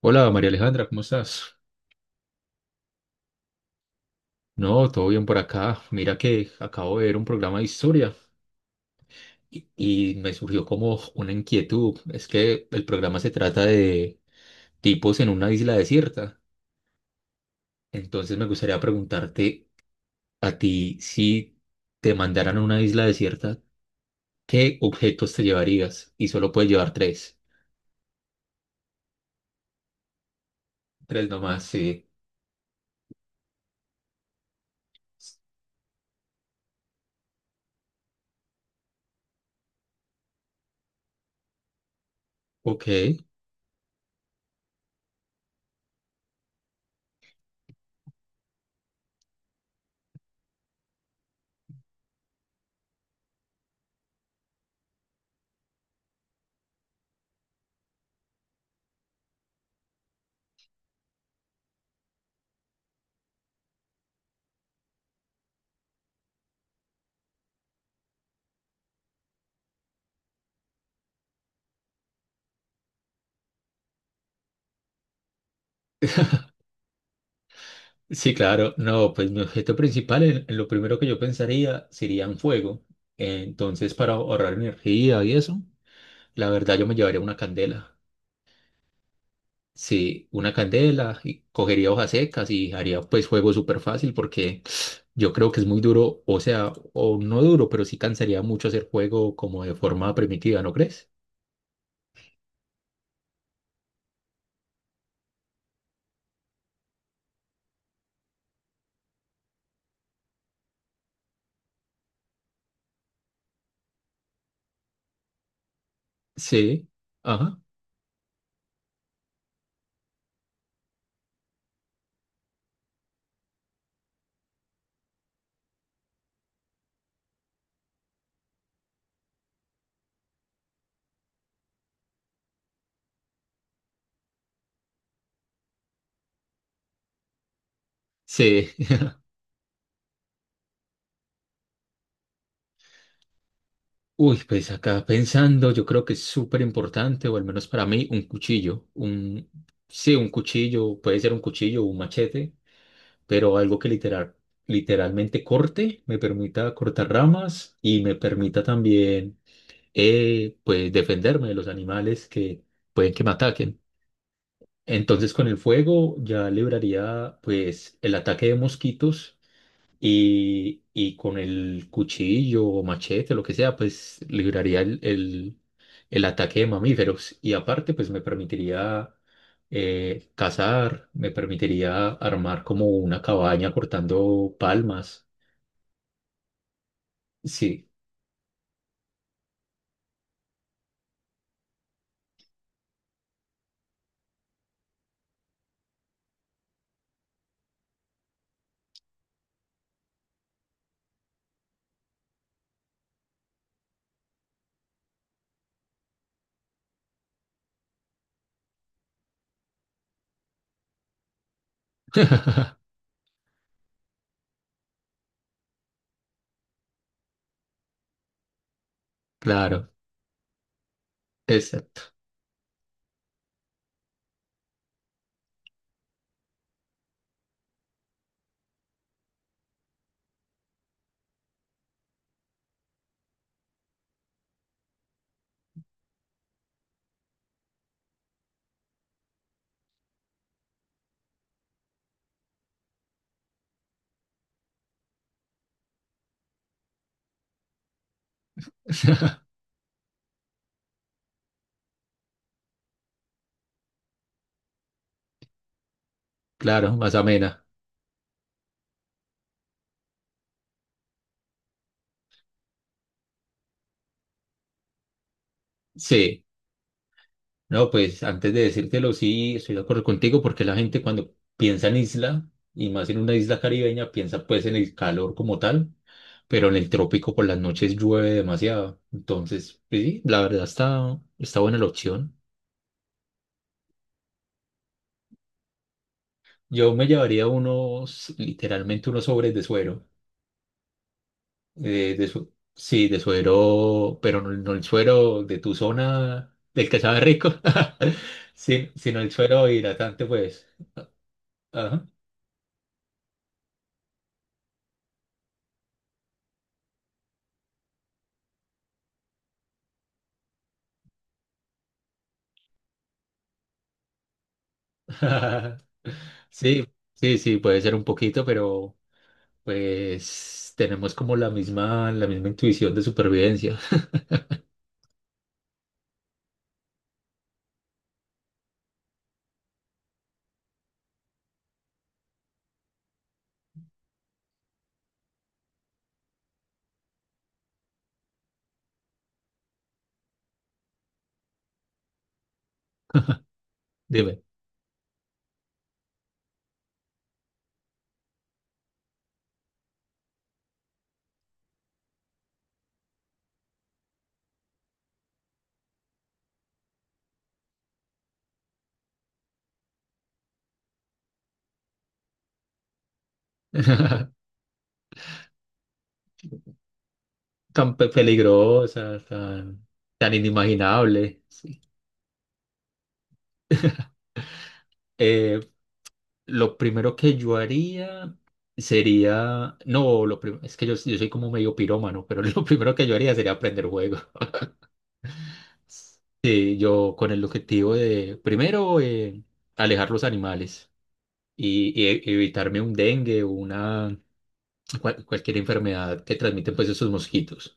Hola María Alejandra, ¿cómo estás? No, todo bien por acá. Mira que acabo de ver un programa de historia y me surgió como una inquietud. Es que el programa se trata de tipos en una isla desierta. Entonces me gustaría preguntarte a ti si te mandaran a una isla desierta, ¿qué objetos te llevarías? Y solo puedes llevar tres. Tres nomás, sí. Ok. Sí, claro. No, pues mi objeto principal, en lo primero que yo pensaría sería en fuego. Entonces, para ahorrar energía y eso, la verdad yo me llevaría una candela. Sí, una candela y cogería hojas secas y haría pues fuego súper fácil porque yo creo que es muy duro, o sea, o no duro, pero sí cansaría mucho hacer fuego como de forma primitiva, ¿no crees? Sí, ajá, sí. Uy, pues acá pensando, yo creo que es súper importante, o al menos para mí, un cuchillo. Un, sí, un cuchillo, puede ser un cuchillo o un machete, pero algo que literal, literalmente corte, me permita cortar ramas y me permita también, pues, defenderme de los animales que pueden que me ataquen. Entonces, con el fuego ya libraría, pues, el ataque de mosquitos y con el cuchillo o machete, lo que sea, pues libraría el ataque de mamíferos y aparte pues me permitiría cazar, me permitiría armar como una cabaña cortando palmas. Sí, claro, exacto, claro, más amena. Sí. No, pues antes de decírtelo, sí, estoy de acuerdo contigo porque la gente cuando piensa en isla, y más en una isla caribeña, piensa pues en el calor como tal, pero en el trópico por las noches llueve demasiado. Entonces, pues, sí, la verdad está buena la opción. Yo me llevaría unos, literalmente unos sobres de suero. Sí, de suero, pero no, no el suero de tu zona, del que sabe rico, sí, sino el suero hidratante, pues. Ajá. Sí, sí, sí, puede ser un poquito, pero pues tenemos como la misma intuición de supervivencia. Dime, tan peligrosa, tan, tan inimaginable. Sí. Eh, lo primero que yo haría sería, no, lo prim- es que yo soy como medio pirómano, pero lo primero que yo haría sería aprender juegos. Sí, yo con el objetivo de, primero, alejar los animales y evitarme un dengue, una cual- cualquier enfermedad que transmiten pues esos mosquitos.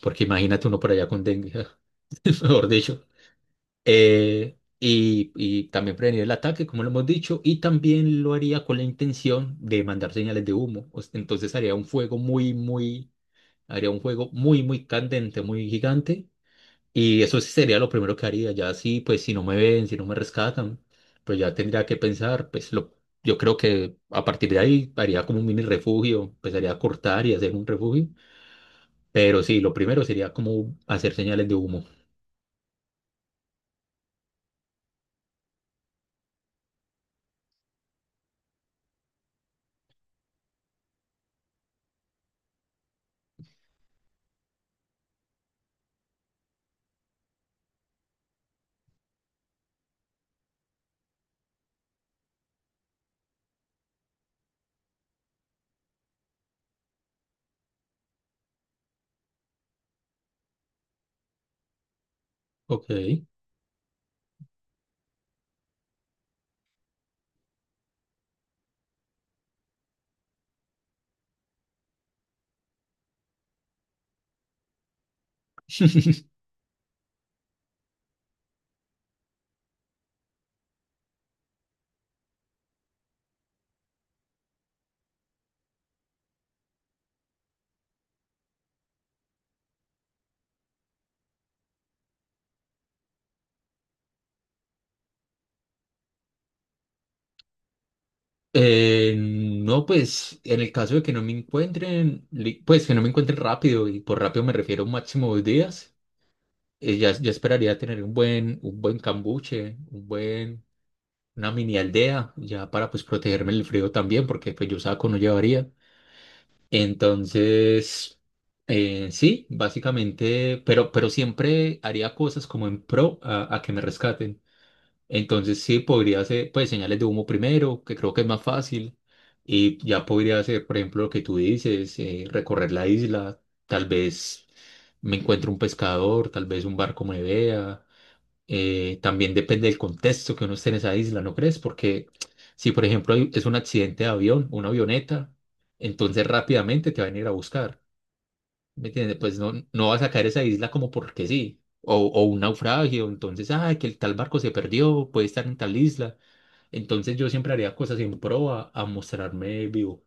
Porque imagínate uno por allá con dengue, mejor dicho. Y también prevenir el ataque, como lo hemos dicho, y también lo haría con la intención de mandar señales de humo. Entonces haría un fuego haría un fuego muy, muy candente, muy gigante y eso sí sería lo primero que haría. Ya sí, pues si no me ven, si no me rescatan, pues ya tendría que pensar, yo creo que a partir de ahí haría como un mini refugio, empezaría a cortar y hacer un refugio. Pero sí, lo primero sería como hacer señales de humo. Ok. No, pues en el caso de que no me encuentren, pues que no me encuentren rápido, y por rápido me refiero a un máximo 2 días, ya esperaría tener un buen cambuche, un buen una mini aldea, ya para pues protegerme del frío también, porque pues yo saco no llevaría. Entonces, sí, básicamente, pero siempre haría cosas como en pro a que me rescaten. Entonces sí, podría hacer pues señales de humo primero, que creo que es más fácil, y ya podría hacer, por ejemplo, lo que tú dices, recorrer la isla, tal vez me encuentre un pescador, tal vez un barco me vea también depende del contexto que uno esté en esa isla, ¿no crees? Porque si, por ejemplo, es un accidente de avión, una avioneta, entonces rápidamente te van a ir a buscar, ¿me entiendes? Pues no, no vas a caer a esa isla como porque sí, o un naufragio, entonces, ay, que el tal barco se perdió, puede estar en tal isla, entonces yo siempre haría cosas en pro a mostrarme vivo.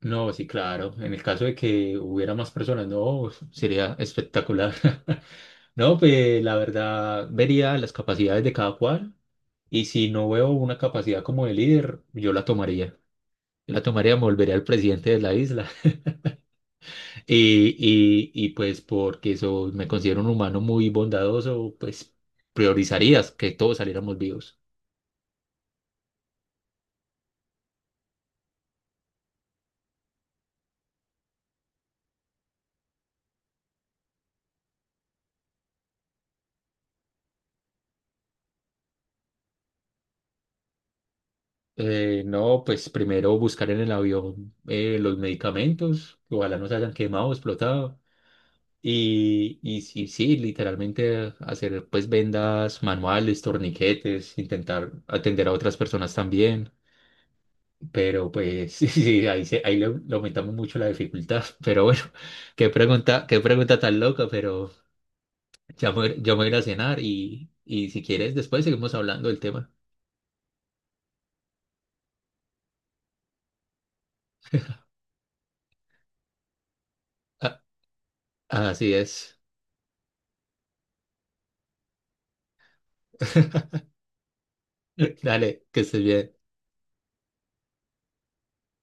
No, sí, claro, en el caso de que hubiera más personas, no, sería espectacular. No, pues la verdad, vería las capacidades de cada cual. Y si no veo una capacidad como de líder, yo la tomaría. Yo la tomaría, me volvería al presidente de la isla. Y pues porque eso, me considero un humano muy bondadoso, pues priorizarías que todos saliéramos vivos. No, pues primero buscar en el avión los medicamentos, que ojalá no se hayan quemado, explotado. Y sí, sí, literalmente hacer pues vendas manuales, torniquetes, intentar atender a otras personas también. Pero pues sí, sí, ahí, se- ahí le, le aumentamos mucho la dificultad. Pero bueno, qué pregunta tan loca, pero ya me voy a ir a cenar y si quieres, después seguimos hablando del tema. Ah, así es. Dale, que estés bien.